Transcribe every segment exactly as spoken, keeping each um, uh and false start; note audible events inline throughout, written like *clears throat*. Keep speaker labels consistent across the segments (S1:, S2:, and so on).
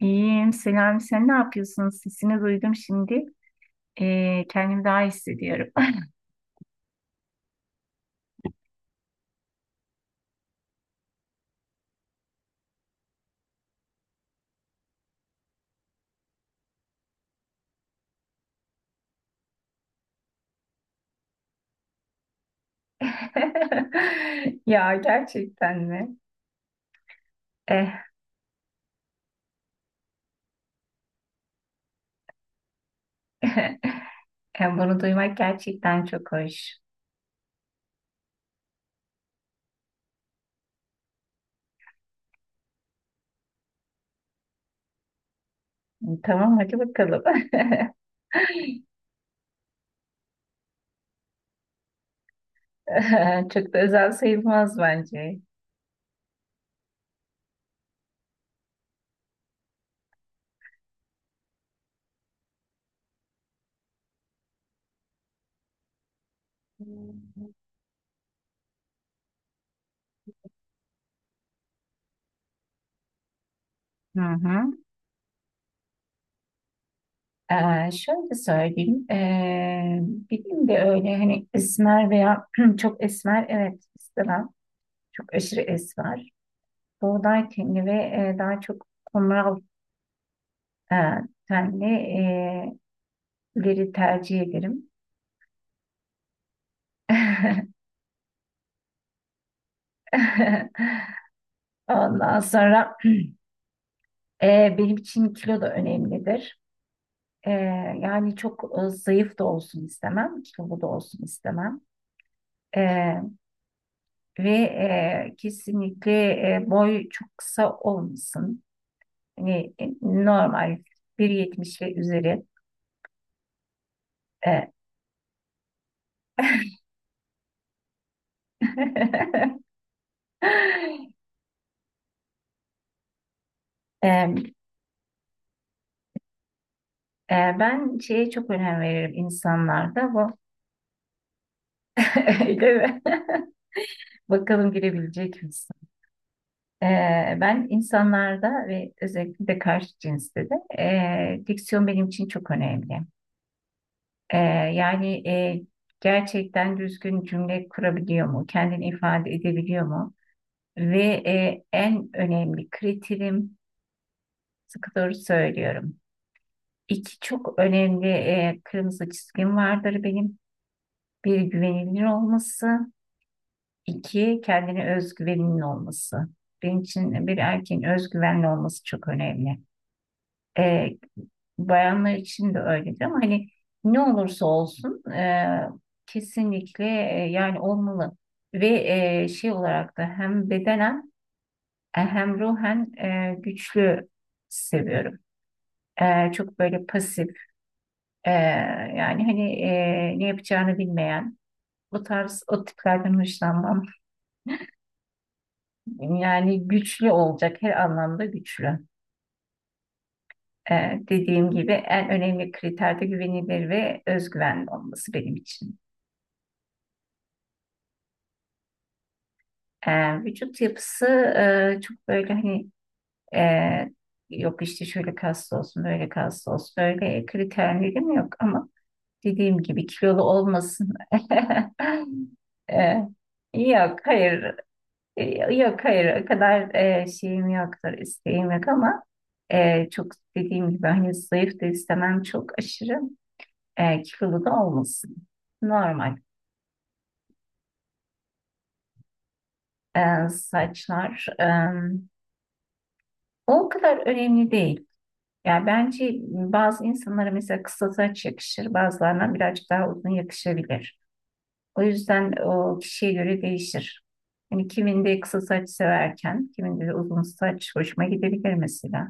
S1: İyiyim. Selam. Sen ne yapıyorsun? Sesini duydum şimdi. Ee, kendimi daha iyi hissediyorum. *laughs* Ya gerçekten mi? Eh, *laughs* eh, bunu duymak gerçekten çok hoş. Tamam hadi bakalım. *laughs* Çok da özel sayılmaz bence. Hı hı. Ee, şöyle söyleyeyim. Ee, benim de öyle hani esmer veya *clears throat* çok esmer evet istemem. Çok aşırı esmer. Buğday tenli ve e, daha çok kumral e, tenli e, leri tercih ederim. *laughs* Ondan sonra *clears throat* e, benim için kilo da önemlidir. Ee, Yani çok e, zayıf da olsun istemem, kilolu da olsun istemem. Ee, ve e, kesinlikle e, boy çok kısa olmasın. Yani e, normal bir yetmiş ve üzeri. Ee, *laughs* Ee, e, ben şeye çok önem veririm insanlarda bu. *laughs* Değil mi? *laughs* Bakalım girebilecek misin? Ee, ben insanlarda ve özellikle de karşı cinste de e, diksiyon benim için çok önemli. Ee, Yani e, gerçekten düzgün cümle kurabiliyor mu? Kendini ifade edebiliyor mu? Ve e, en önemli kriterim sıkı doğru söylüyorum. İki çok önemli e, kırmızı çizgim vardır benim. Bir güvenilir olması, iki kendine özgüveninin olması. Benim için bir erkeğin özgüvenli olması çok önemli. E, Bayanlar için de öyledir ama hani ne olursa olsun e, kesinlikle e, yani olmalı ve e, şey olarak da hem bedenen e, hem ruhen e, güçlü seviyorum. E, çok böyle pasif e, yani hani e, ne yapacağını bilmeyen o tarz o tiplerden hoşlanmam. Yani güçlü olacak, her anlamda güçlü. E, dediğim gibi en önemli kriterde güvenilir ve özgüvenli olması benim için. E, Vücut yapısı e, çok böyle hani e, yok işte şöyle kaslı olsun, böyle kaslı olsun, öyle kriterlerim yok ama dediğim gibi kilolu olmasın. *laughs* E, Yok, hayır, E, yok, hayır, o kadar e, şeyim yoktur, isteğim yok ama e, çok dediğim gibi hani zayıf da istemem, çok aşırı e, kilolu da olmasın. Normal. E, saçlar e, o kadar önemli değil. Yani bence bazı insanlara mesela kısa saç yakışır, bazılarına birazcık daha uzun yakışabilir. O yüzden o kişiye göre değişir. Yani kiminde kısa saç severken, kiminde de uzun saç hoşuma gidebilir mesela.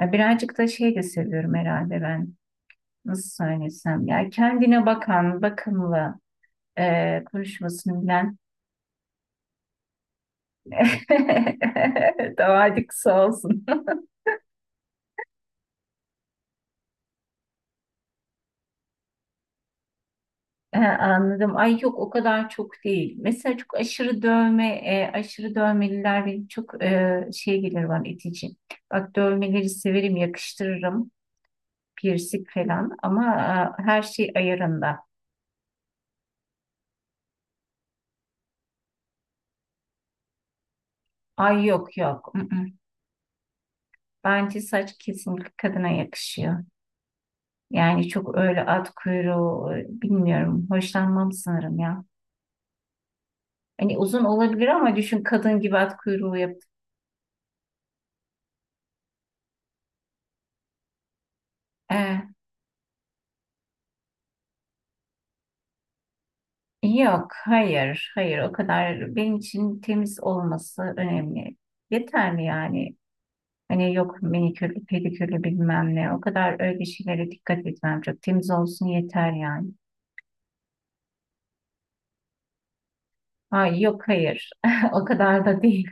S1: Ya birazcık da şey de seviyorum herhalde ben. Nasıl söylesem, ya kendine bakan, bakımlı, e, konuşmasını bilen. *laughs* Tamam hadi kısa olsun. He, anladım. Ay yok, o kadar çok değil. Mesela çok aşırı dövme, e, aşırı dövmeliler benim çok e, şey gelir, bana itici. Bak, dövmeleri severim, yakıştırırım. Piercing falan, ama e, her şey ayarında. Ay yok yok. I-ı. Bence saç kesinlikle kadına yakışıyor. Yani çok öyle at kuyruğu e, bilmiyorum. Hoşlanmam sanırım ya. Hani uzun olabilir ama düşün, kadın gibi at kuyruğu yaptı. Yok, hayır, hayır. O kadar benim için temiz olması önemli. Yeterli mi yani? Hani yok minikürlü, pedikürlü bilmem ne. O kadar öyle şeylere dikkat etmem. Çok temiz olsun yeter yani. Ay yok hayır. *laughs* O kadar da değil.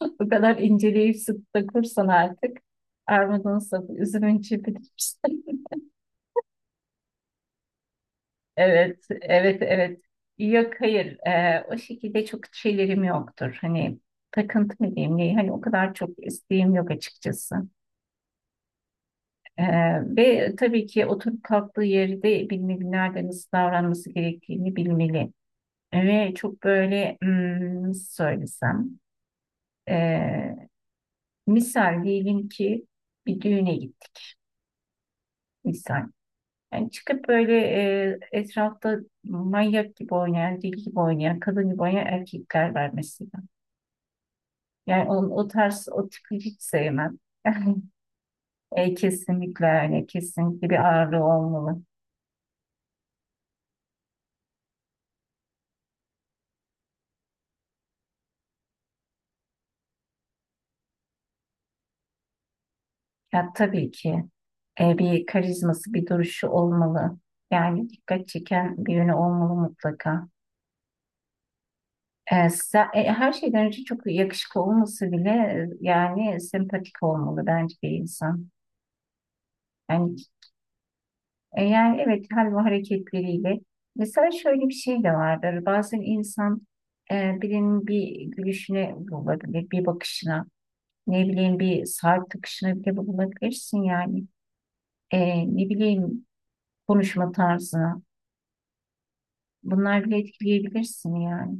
S1: *laughs* O kadar inceleyip sık dokursan artık armudun sapı, üzümün çöpüdür. *laughs* Evet, evet, evet. Yok, hayır. Eee, o şekilde çok şeylerim yoktur. Hani takıntı mı diyeyim, ne? Hani o kadar çok isteğim yok açıkçası. Eee, ve tabii ki oturup kalktığı yerde bilmeli, nerede nasıl davranması gerektiğini bilmeli. Ve çok böyle, hmm, nasıl söylesem. eee, Misal diyelim ki bir düğüne gittik. Misal. Yani çıkıp böyle e, etrafta manyak gibi oynayan, deli gibi oynayan, kadın gibi oynayan erkekler var mesela. Yani onun, o tarz, o tipi hiç sevmem. *laughs* Yani, e, kesinlikle, yani kesinlikle bir ağırlığı olmalı. Ya tabii ki e, bir karizması, bir duruşu olmalı. Yani dikkat çeken bir yönü olmalı mutlaka. E, sa- e, her şeyden önce çok yakışıklı olması bile, e, yani sempatik olmalı bence bir insan. Yani E, Yani evet, hal ve hareketleriyle. Mesela şöyle bir şey de vardır. Bazen insan e, birinin bir gülüşüne bulabilir, bir bakışına, ne bileyim, bir saat takışına bile bulabilirsin yani. E, ne bileyim, konuşma tarzına. Bunlar bile etkileyebilirsin yani.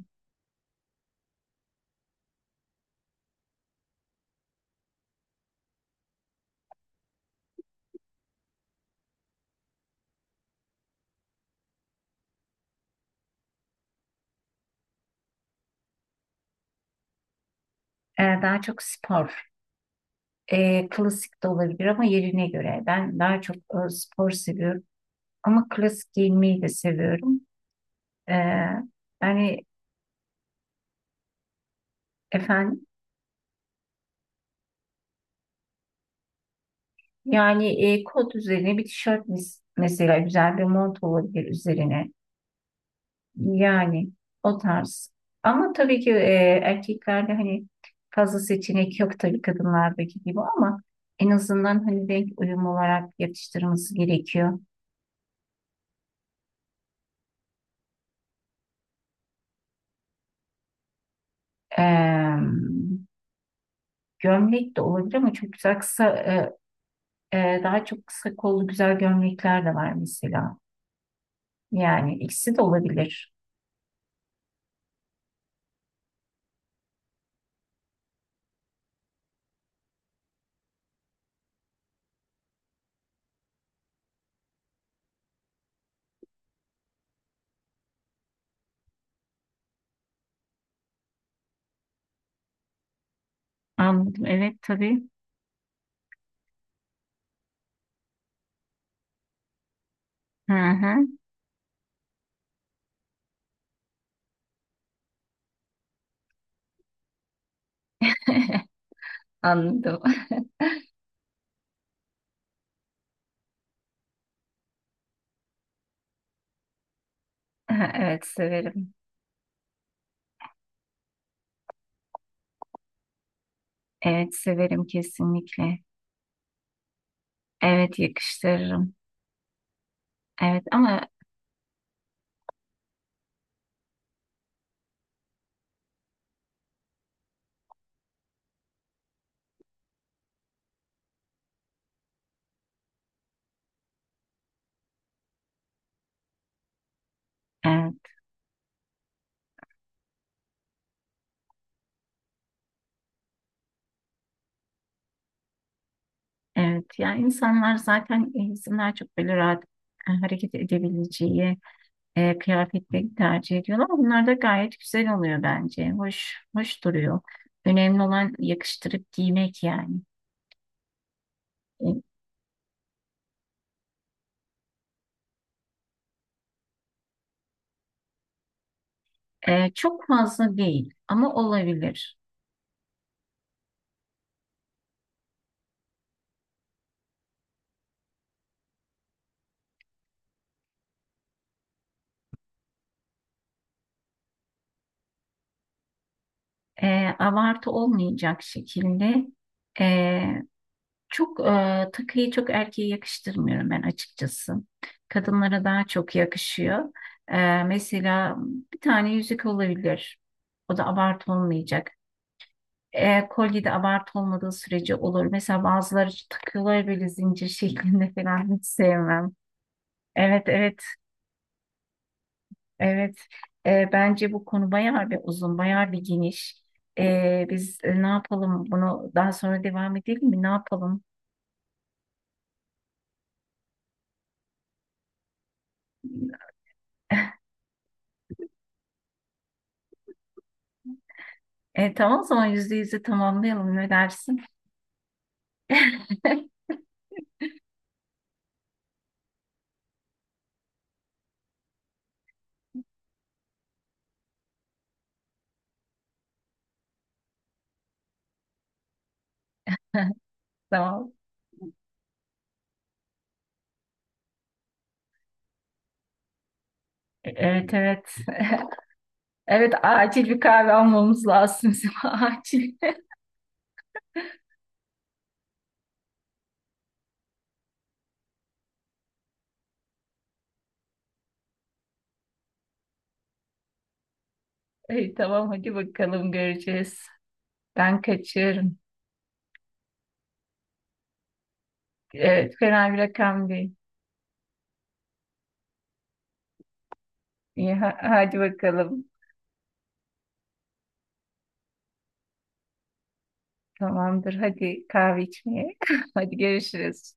S1: E, daha çok spor. E, klasik de olabilir ama yerine göre. Ben daha çok e, spor seviyorum. Ama klasik giyinmeyi de seviyorum. E, yani Efendim? Yani e, kot üzerine bir tişört, mes- mesela güzel bir mont olabilir üzerine. Yani o tarz. Ama tabii ki e, erkeklerde hani fazla seçenek yok tabii, kadınlardaki gibi, ama en azından hani renk uyum olarak yatıştırması gerekiyor. Eee, Gömlek de olabilir ama çok güzel kısa e, e, daha çok kısa kollu güzel gömlekler de var mesela. Yani ikisi de olabilir. Anladım. Evet tabii. Hı hı. *laughs* Anladım. *laughs* Ha, evet severim. Evet severim kesinlikle. Evet yakıştırırım. Evet, ama evet, evet ya, insanlar zaten e, insanlar çok böyle rahat e, hareket edebileceği e, kıyafetleri tercih ediyorlar. Bunlar da gayet güzel oluyor bence. Hoş hoş duruyor. Önemli olan yakıştırıp giymek yani. E, e, çok fazla değil ama olabilir. E, abartı olmayacak şekilde, e, çok e, takıyı çok erkeğe yakıştırmıyorum ben açıkçası. Kadınlara daha çok yakışıyor. E, mesela bir tane yüzük olabilir. O da abartı olmayacak. E, kolye de abartı olmadığı sürece olur. Mesela bazıları takıyorlar böyle zincir *laughs* şeklinde falan, hiç sevmem. Evet, evet, evet. E, bence bu konu bayağı bir uzun, bayağı bir geniş. E, biz e, ne yapalım? Bunu daha sonra devam edelim mi? Ne yapalım? E, tamam, o zaman yüzde yüzü tamamlayalım, ne dersin? *laughs* Tamam. Evet evet. *laughs* Evet, acil bir kahve almamız lazım bizim, *laughs* acil. İyi tamam, hadi bakalım, göreceğiz. Ben kaçıyorum. Evet, fena bir rakam değil. İyi, ha- hadi bakalım. Tamamdır, hadi kahve içmeye. *laughs* Hadi görüşürüz.